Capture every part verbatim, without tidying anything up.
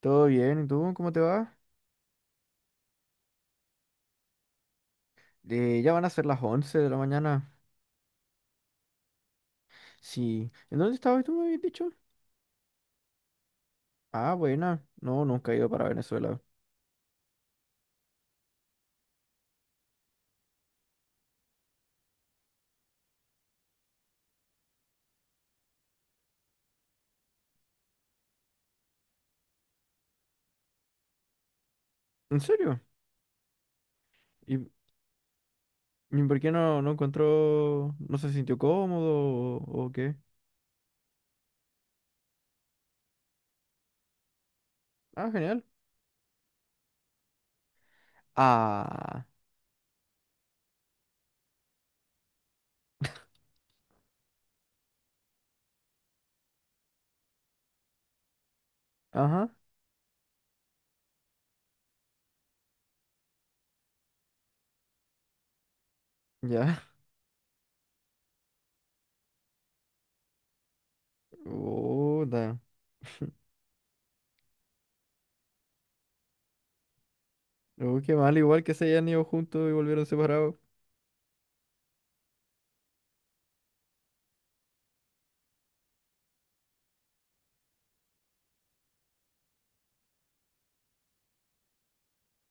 Todo bien, ¿y tú? ¿Cómo te va? Eh, ya van a ser las once de la mañana. Sí. ¿En dónde estabas tú, me habías dicho? Ah, buena. No, nunca he ido para Venezuela. ¿En serio? ¿Y, y por qué no, no encontró, no se sintió cómodo o, o qué? Ah, genial. Ah, ajá, ya. Oh, da. Oh, qué mal, igual que se hayan ido juntos y volvieron separados.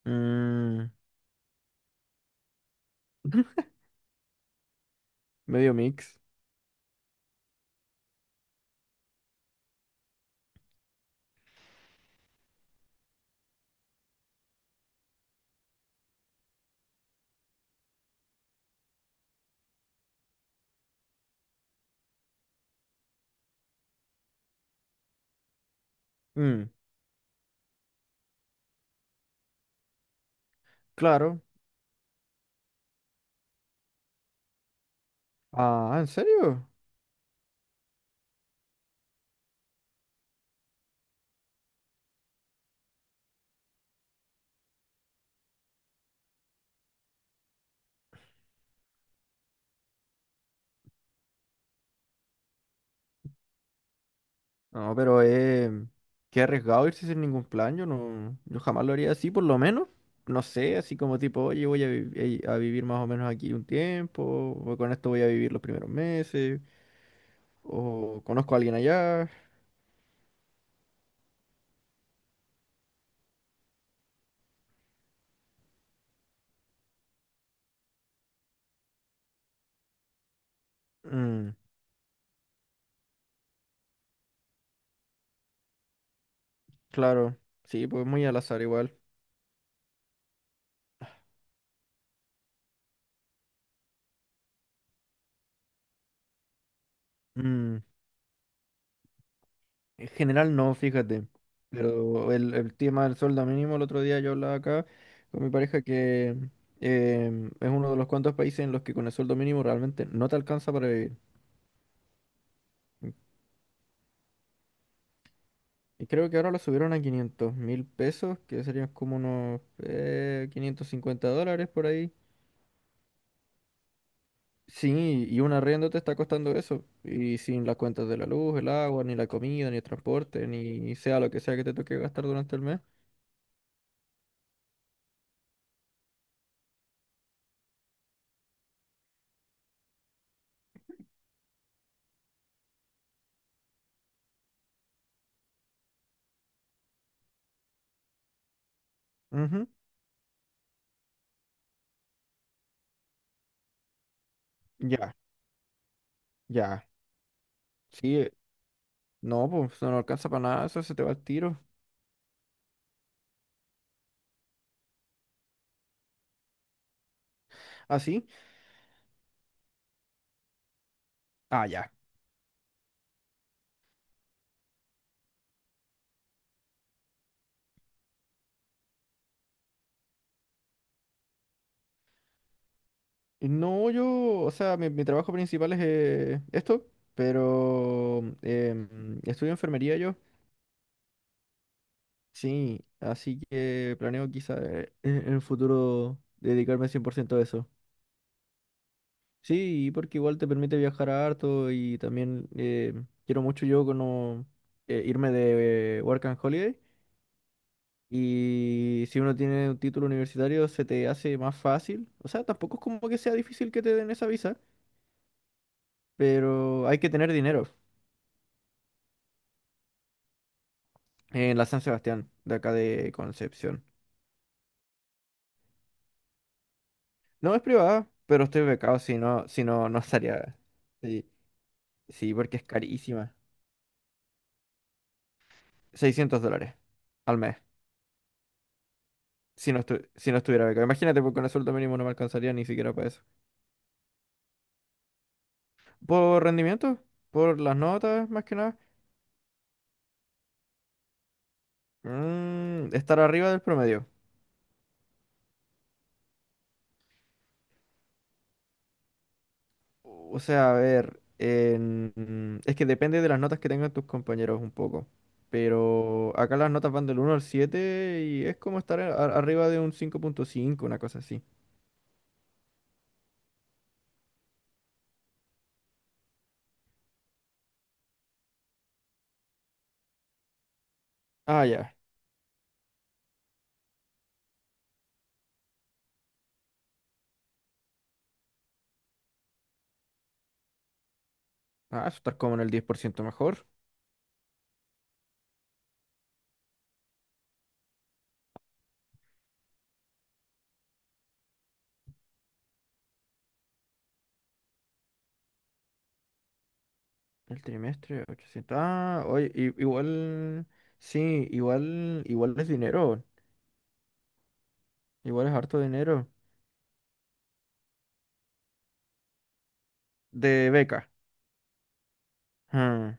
Mm. Medio mix. Mm, claro. Ah, ¿en serio? No, pero eh, qué arriesgado irse sin ningún plan. Yo no, yo jamás lo haría así, por lo menos. No sé, así como tipo, oye, voy a, vi- a vivir más o menos aquí un tiempo, o con esto voy a vivir los primeros meses, o conozco a alguien allá. Mm, claro, sí, pues muy al azar igual. Mm, en general no, fíjate. Pero el, el tema del sueldo mínimo, el otro día yo hablaba acá con mi pareja que em, es uno de los cuantos países en los que con el sueldo mínimo realmente no te alcanza para vivir. Y creo que ahora lo subieron a quinientos mil pesos, que serían como unos eh, quinientos cincuenta dólares por ahí. Sí, y un arriendo te está costando eso. Y sin las cuentas de la luz, el agua, ni la comida, ni el transporte, ni sea lo que sea que te toque gastar durante el mes. Ujú. Ya, ya. Sí, no, pues no alcanza para nada, eso se te va al tiro. ¿Ah, sí? Ah, ya. No, yo, o sea, mi, mi trabajo principal es eh, esto, pero em, estudio enfermería yo. Sí, así que planeo quizá eh, en en el futuro dedicarme cien por ciento a eso. Sí, porque igual te permite viajar harto y también eh, quiero mucho yo como, eh, irme de eh, Work and Holiday, y si uno tiene un título universitario se te hace más fácil. O sea, tampoco es como que sea difícil que te den esa visa, pero hay que tener dinero en la San Sebastián, de acá de Concepción. No es privada, pero estoy becado, si no, si no, no estaría... sí. Sí, porque es carísima. Seiscientos dólares al mes. Si no, estu- si no estuviera becado. Imagínate, porque con el sueldo mínimo no me alcanzaría ni siquiera para eso. ¿Por rendimiento? ¿Por las notas, más que nada? Mm, estar arriba del promedio. O sea, a ver, en- es que depende de las notas que tengan tus compañeros un poco. Pero acá las notas van del uno al siete y es como estar a- arriba de un cinco punto cinco, una cosa así. Ah, ya. Ah, eso estar como en el diez por ciento mejor. El trimestre, ochocientos. Ah, oye, i- igual, sí, igual, igual es dinero, igual es harto dinero de becas. Ah,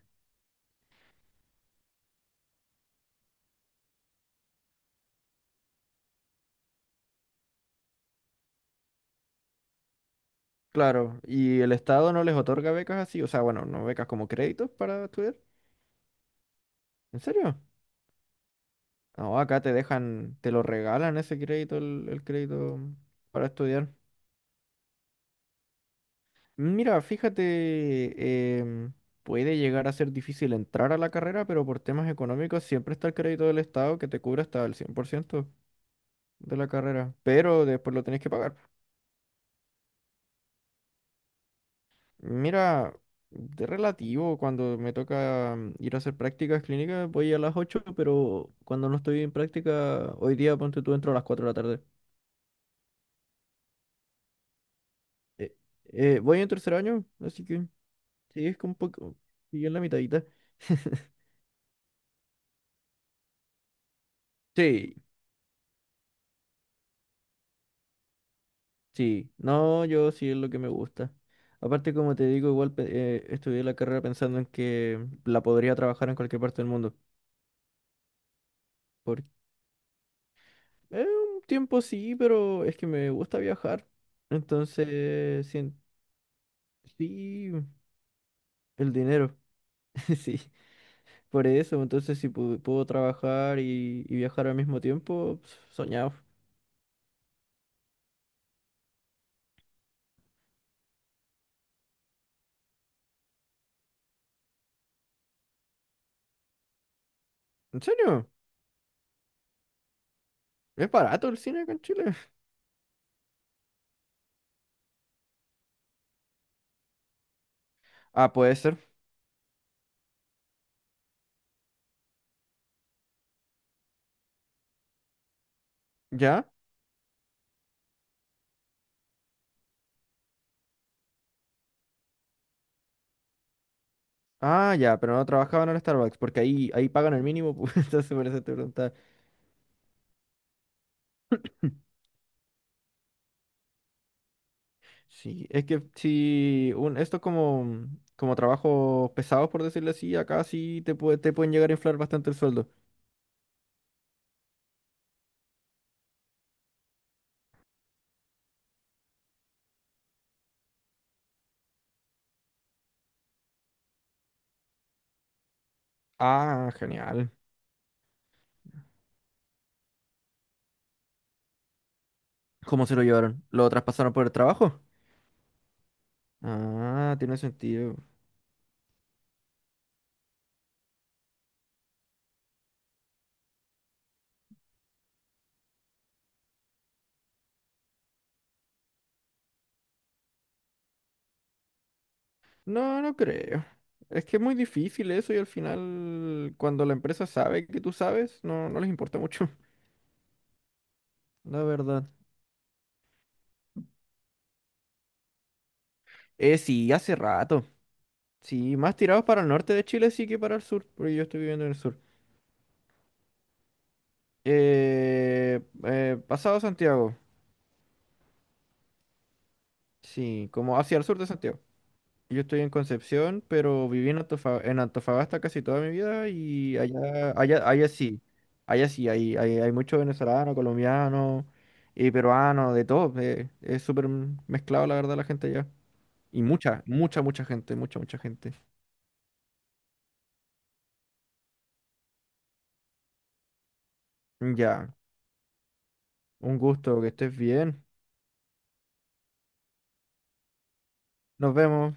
claro, y el Estado no les otorga becas así, o sea, bueno, no becas como créditos para estudiar. ¿En serio? No, acá te dejan, te lo regalan ese crédito, el, el crédito para estudiar. Mira, fíjate, em, puede llegar a ser difícil entrar a la carrera, pero por temas económicos siempre está el crédito del Estado que te cubre hasta el cien por ciento de la carrera, pero después lo tenés que pagar. Mira, de relativo, cuando me toca mm, ir a hacer prácticas clínicas, voy a las ocho, pero cuando no estoy en práctica, hoy día, ponte tú, entro a las cuatro de la tarde. Eh, eh, voy en tercer año, así que sí, es como un poco, y en la mitadita. Sí, sí, no, yo sí es lo que me gusta. Aparte, como te digo, igual pe- eh, estudié la carrera pensando en que la podría trabajar en cualquier parte del mundo. Eh, un tiempo sí, pero es que me gusta viajar. Entonces, sí, sí, el dinero. Sí, por eso. Entonces, si pu- puedo trabajar y, y viajar al mismo tiempo, pues, soñado. ¿En serio? ¿Es barato el cine acá en Chile? Ah, puede ser. ¿Ya? Ah, ya, pero no trabajaba en el Starbucks, porque ahí, ahí pagan el mínimo, pues. Entonces por eso te preguntaba. Sí, es que si un, esto como, como trabajos pesados, por decirlo así, acá sí te, puede, te pueden llegar a inflar bastante el sueldo. Ah, genial. ¿Cómo se lo llevaron? ¿Lo traspasaron por el trabajo? Ah, tiene sentido. No, no creo. Es que es muy difícil eso y al final, cuando la empresa sabe que tú sabes, no, no les importa mucho. La verdad. Eh, sí, hace rato. Sí, más tirados para el norte de Chile sí que para el sur, porque yo estoy viviendo en el sur. Eh, eh, pasado Santiago. Sí, como hacia el sur de Santiago. Yo estoy en Concepción, pero viví en Antofa- en Antofagasta casi toda mi vida y allá, allá, allá sí, allá sí, hay, hay, hay muchos venezolanos, colombianos y peruanos, de todo. eh, es súper mezclado, la verdad, la gente allá. Y mucha, mucha, mucha gente, mucha, mucha gente. Ya, un gusto, que estés bien. Nos vemos.